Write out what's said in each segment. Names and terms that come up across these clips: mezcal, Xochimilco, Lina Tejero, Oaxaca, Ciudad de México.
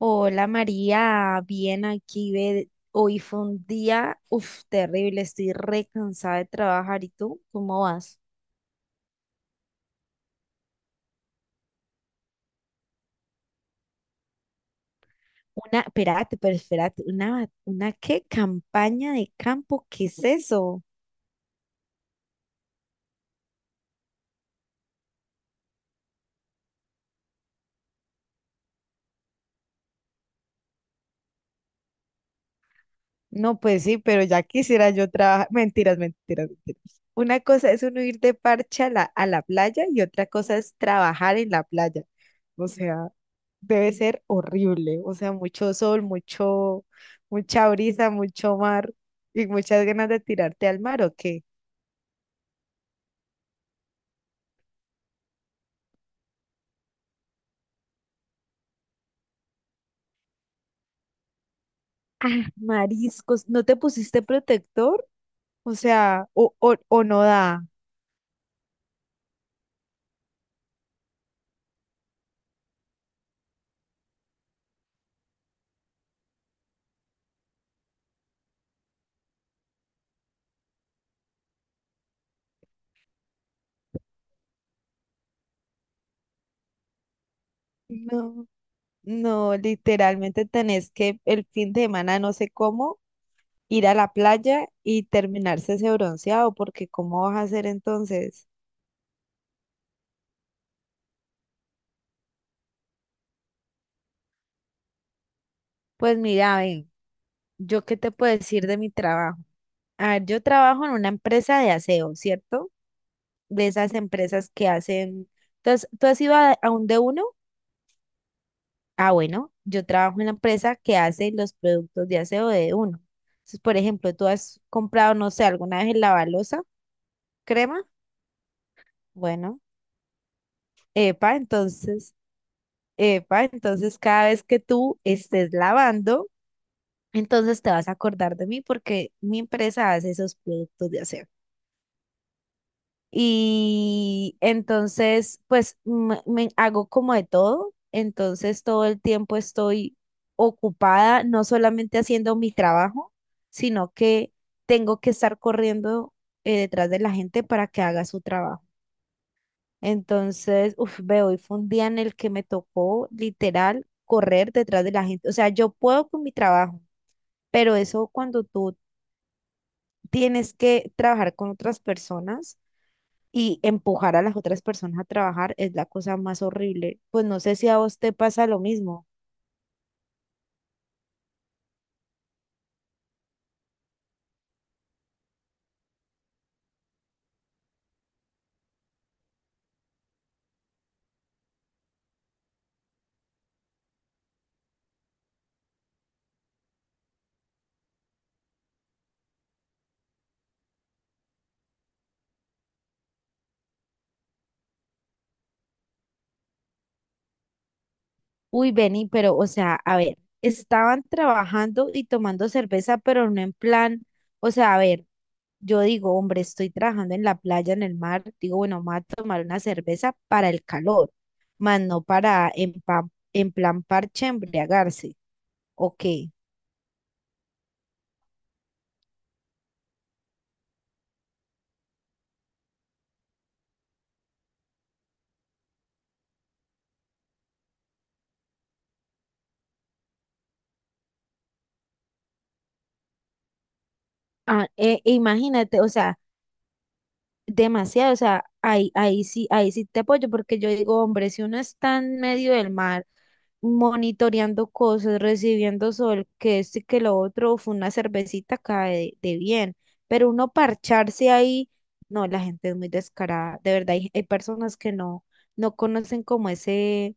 Hola María, bien aquí, ve, hoy fue un día, uf, terrible, estoy re cansada de trabajar, ¿y tú? ¿Cómo vas? Una, espérate, pero espérate, una qué campaña de campo, ¿qué es eso? No, pues sí, pero ya quisiera yo trabajar. Mentiras, mentiras, mentiras. Una cosa es uno ir de parche a la playa y otra cosa es trabajar en la playa. O sea, debe ser horrible, o sea, mucho sol, mucha brisa, mucho mar y muchas ganas de tirarte al mar, ¿o qué? Ah, mariscos, ¿no te pusiste protector? O sea, o no da. No, no, literalmente tenés que el fin de semana, no sé cómo, ir a la playa y terminarse ese bronceado, porque ¿cómo vas a hacer entonces? Pues mira, ven, ¿yo qué te puedo decir de mi trabajo? A ver, yo trabajo en una empresa de aseo, ¿cierto? De esas empresas que hacen. Entonces, ¿tú has ido a un de uno? Ah, bueno, yo trabajo en la empresa que hace los productos de aseo de uno. Entonces, por ejemplo, tú has comprado, no sé, alguna vez el lavalosa, crema. Bueno, epa, entonces, epa, entonces cada vez que tú estés lavando, entonces te vas a acordar de mí porque mi empresa hace esos productos de aseo. Y entonces, pues me hago como de todo. Entonces, todo el tiempo estoy ocupada, no solamente haciendo mi trabajo, sino que tengo que estar corriendo detrás de la gente para que haga su trabajo. Entonces, uf, ve, hoy fue un día en el que me tocó literal correr detrás de la gente. O sea, yo puedo con mi trabajo, pero eso cuando tú tienes que trabajar con otras personas y empujar a las otras personas a trabajar es la cosa más horrible. Pues no sé si a vos te pasa lo mismo. Uy, Benny, pero o sea, a ver, estaban trabajando y tomando cerveza, pero no en plan, o sea, a ver, yo digo, hombre, estoy trabajando en la playa, en el mar, digo, bueno, me voy a tomar una cerveza para el calor, más no para en plan parche embriagarse. Ok. Ah, imagínate, o sea, demasiado, o sea, ahí, ahí sí te apoyo, porque yo digo, hombre, si uno está en medio del mar, monitoreando cosas, recibiendo sol, que esto y que lo otro, fue una cervecita cae de bien, pero uno parcharse ahí, no, la gente es muy descarada, de verdad, hay personas que no, no conocen como ese,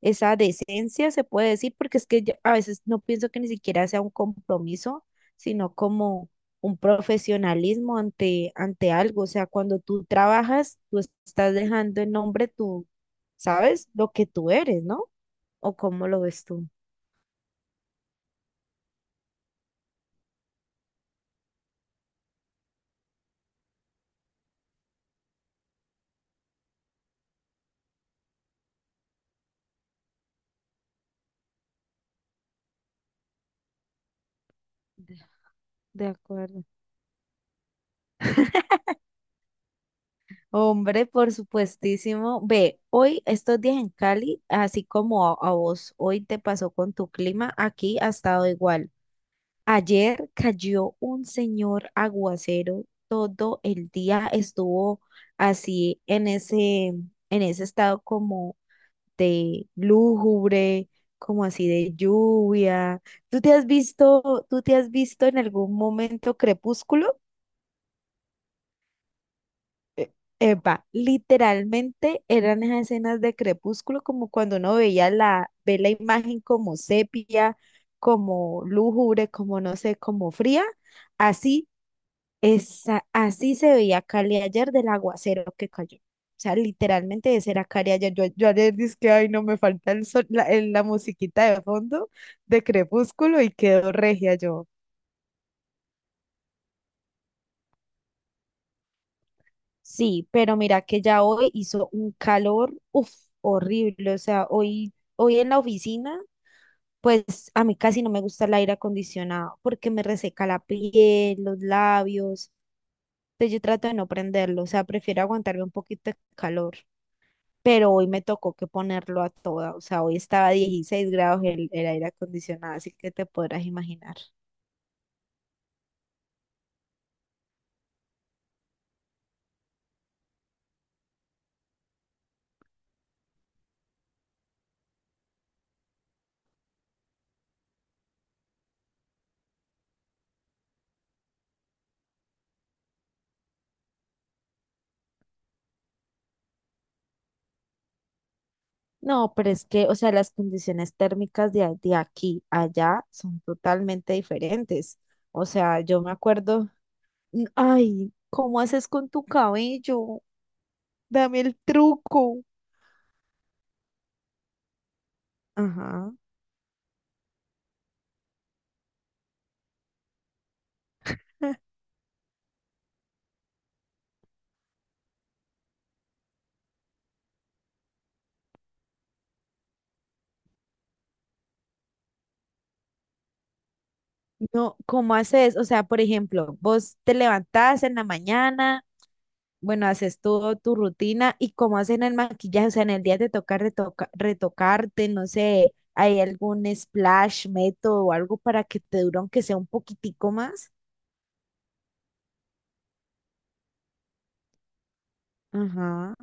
esa decencia, se puede decir, porque es que yo a veces no pienso que ni siquiera sea un compromiso, sino como un profesionalismo ante, ante algo. O sea, cuando tú trabajas, tú estás dejando en nombre tú, ¿sabes? Lo que tú eres, ¿no? ¿O cómo lo ves tú? De, de acuerdo. Hombre, por supuestísimo. Ve, hoy, estos días en Cali, así como a vos hoy te pasó con tu clima, aquí ha estado igual. Ayer cayó un señor aguacero, todo el día estuvo así en ese estado como de lúgubre, como así de lluvia. ¿Tú te has visto, tú te has visto en algún momento Crepúsculo? E- Epa, literalmente eran esas escenas de Crepúsculo, como cuando uno ve la imagen como sepia, como lúgubre, como no sé, como fría. Así Esa, así se veía Cali ayer del aguacero que cayó. O sea, literalmente ese era Cali ayer. Yo ayer dije ay, no me falta el sol- la, el- la musiquita de fondo de Crepúsculo y quedó regia yo. Sí, pero mira que ya hoy hizo un calor, uff, horrible. O sea, hoy en la oficina, pues a mí casi no me gusta el aire acondicionado porque me reseca la piel, los labios. Entonces yo trato de no prenderlo. O sea, prefiero aguantarme un poquito de calor, pero hoy me tocó que ponerlo a toda, o sea, hoy estaba a 16 grados el aire acondicionado, así que te podrás imaginar. No, pero es que, o sea, las condiciones térmicas de aquí a allá son totalmente diferentes. O sea, yo me acuerdo, ay, ¿cómo haces con tu cabello? Dame el truco. Ajá. No, ¿cómo haces? O sea, por ejemplo, vos te levantás en la mañana, bueno, haces todo tu rutina y cómo hacen el maquillaje, o sea, en el día te toca retocarte, no sé, ¿hay algún splash, método o algo para que te dure aunque sea un poquitico más? Ajá.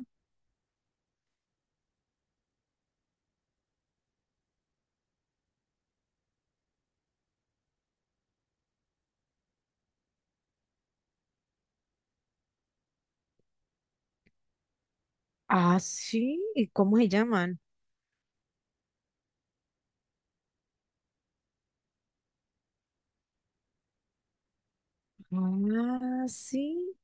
Ah, sí, ¿y cómo se llaman? Ah, sí.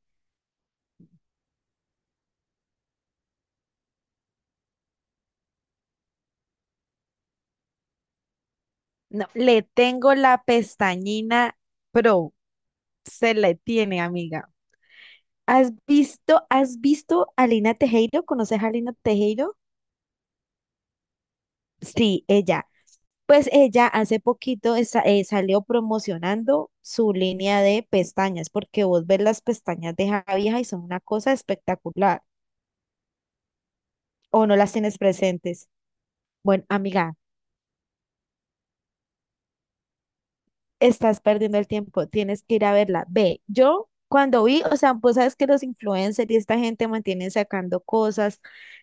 No, le tengo la pestañina pro, se le tiene, amiga. ¿Has visto a Lina Tejero? ¿Conoces a Lina Tejero? Sí, ella. Pues ella hace poquito salió promocionando su línea de pestañas, porque vos ves las pestañas de esa vieja y son una cosa espectacular, o no las tienes presentes. Bueno, amiga, estás perdiendo el tiempo, tienes que ir a verla. Ve, yo cuando vi, o sea, pues sabes que los influencers y esta gente mantienen sacando cosas,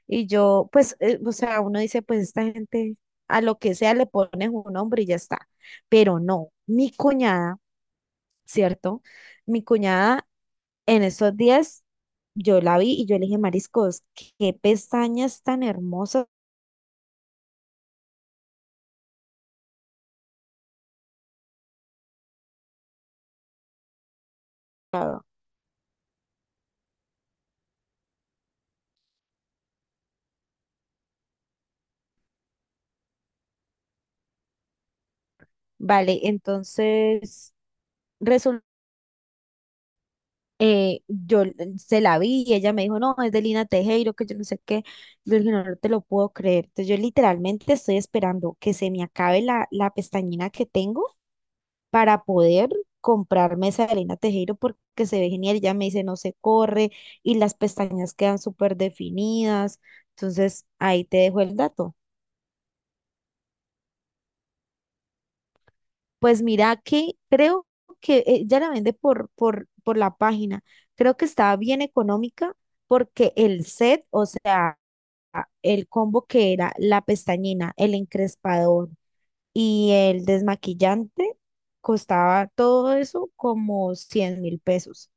y yo, pues, o sea, uno dice, pues esta gente a lo que sea le pones un nombre y ya está, pero no, mi cuñada. ¿Cierto? Mi cuñada en esos días, yo la vi y yo le dije, Mariscos, qué pestañas tan hermosas. Vale, entonces resul- se la vi y ella me dijo, no, es de Lina Tejero, que yo no sé qué. Yo le dije, no, no te lo puedo creer. Entonces yo literalmente estoy esperando que se me acabe la, pestañina que tengo para poder comprarme esa de Elena Tejero porque se ve genial. Ya me dice, no se corre y las pestañas quedan súper definidas. Entonces, ahí te dejo el dato. Pues mira que creo que ya la vende por la página. Creo que estaba bien económica porque el set, o sea, el combo que era la pestañina, el encrespador, y el desmaquillante costaba todo eso como 100.000 pesos.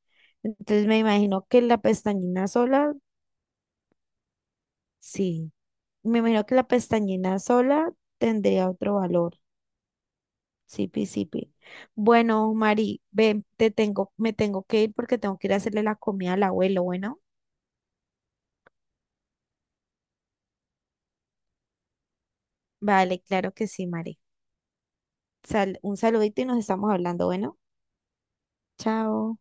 Entonces me imagino que la pestañina sola, sí, me imagino que la pestañina sola tendría otro valor. Sí, pi, sí, pi. Bueno, Mari, ven, te tengo, me tengo que ir porque tengo que ir a hacerle la comida al abuelo, bueno. Vale, claro que sí, Mari. Un saludito y nos estamos hablando, bueno. Chao.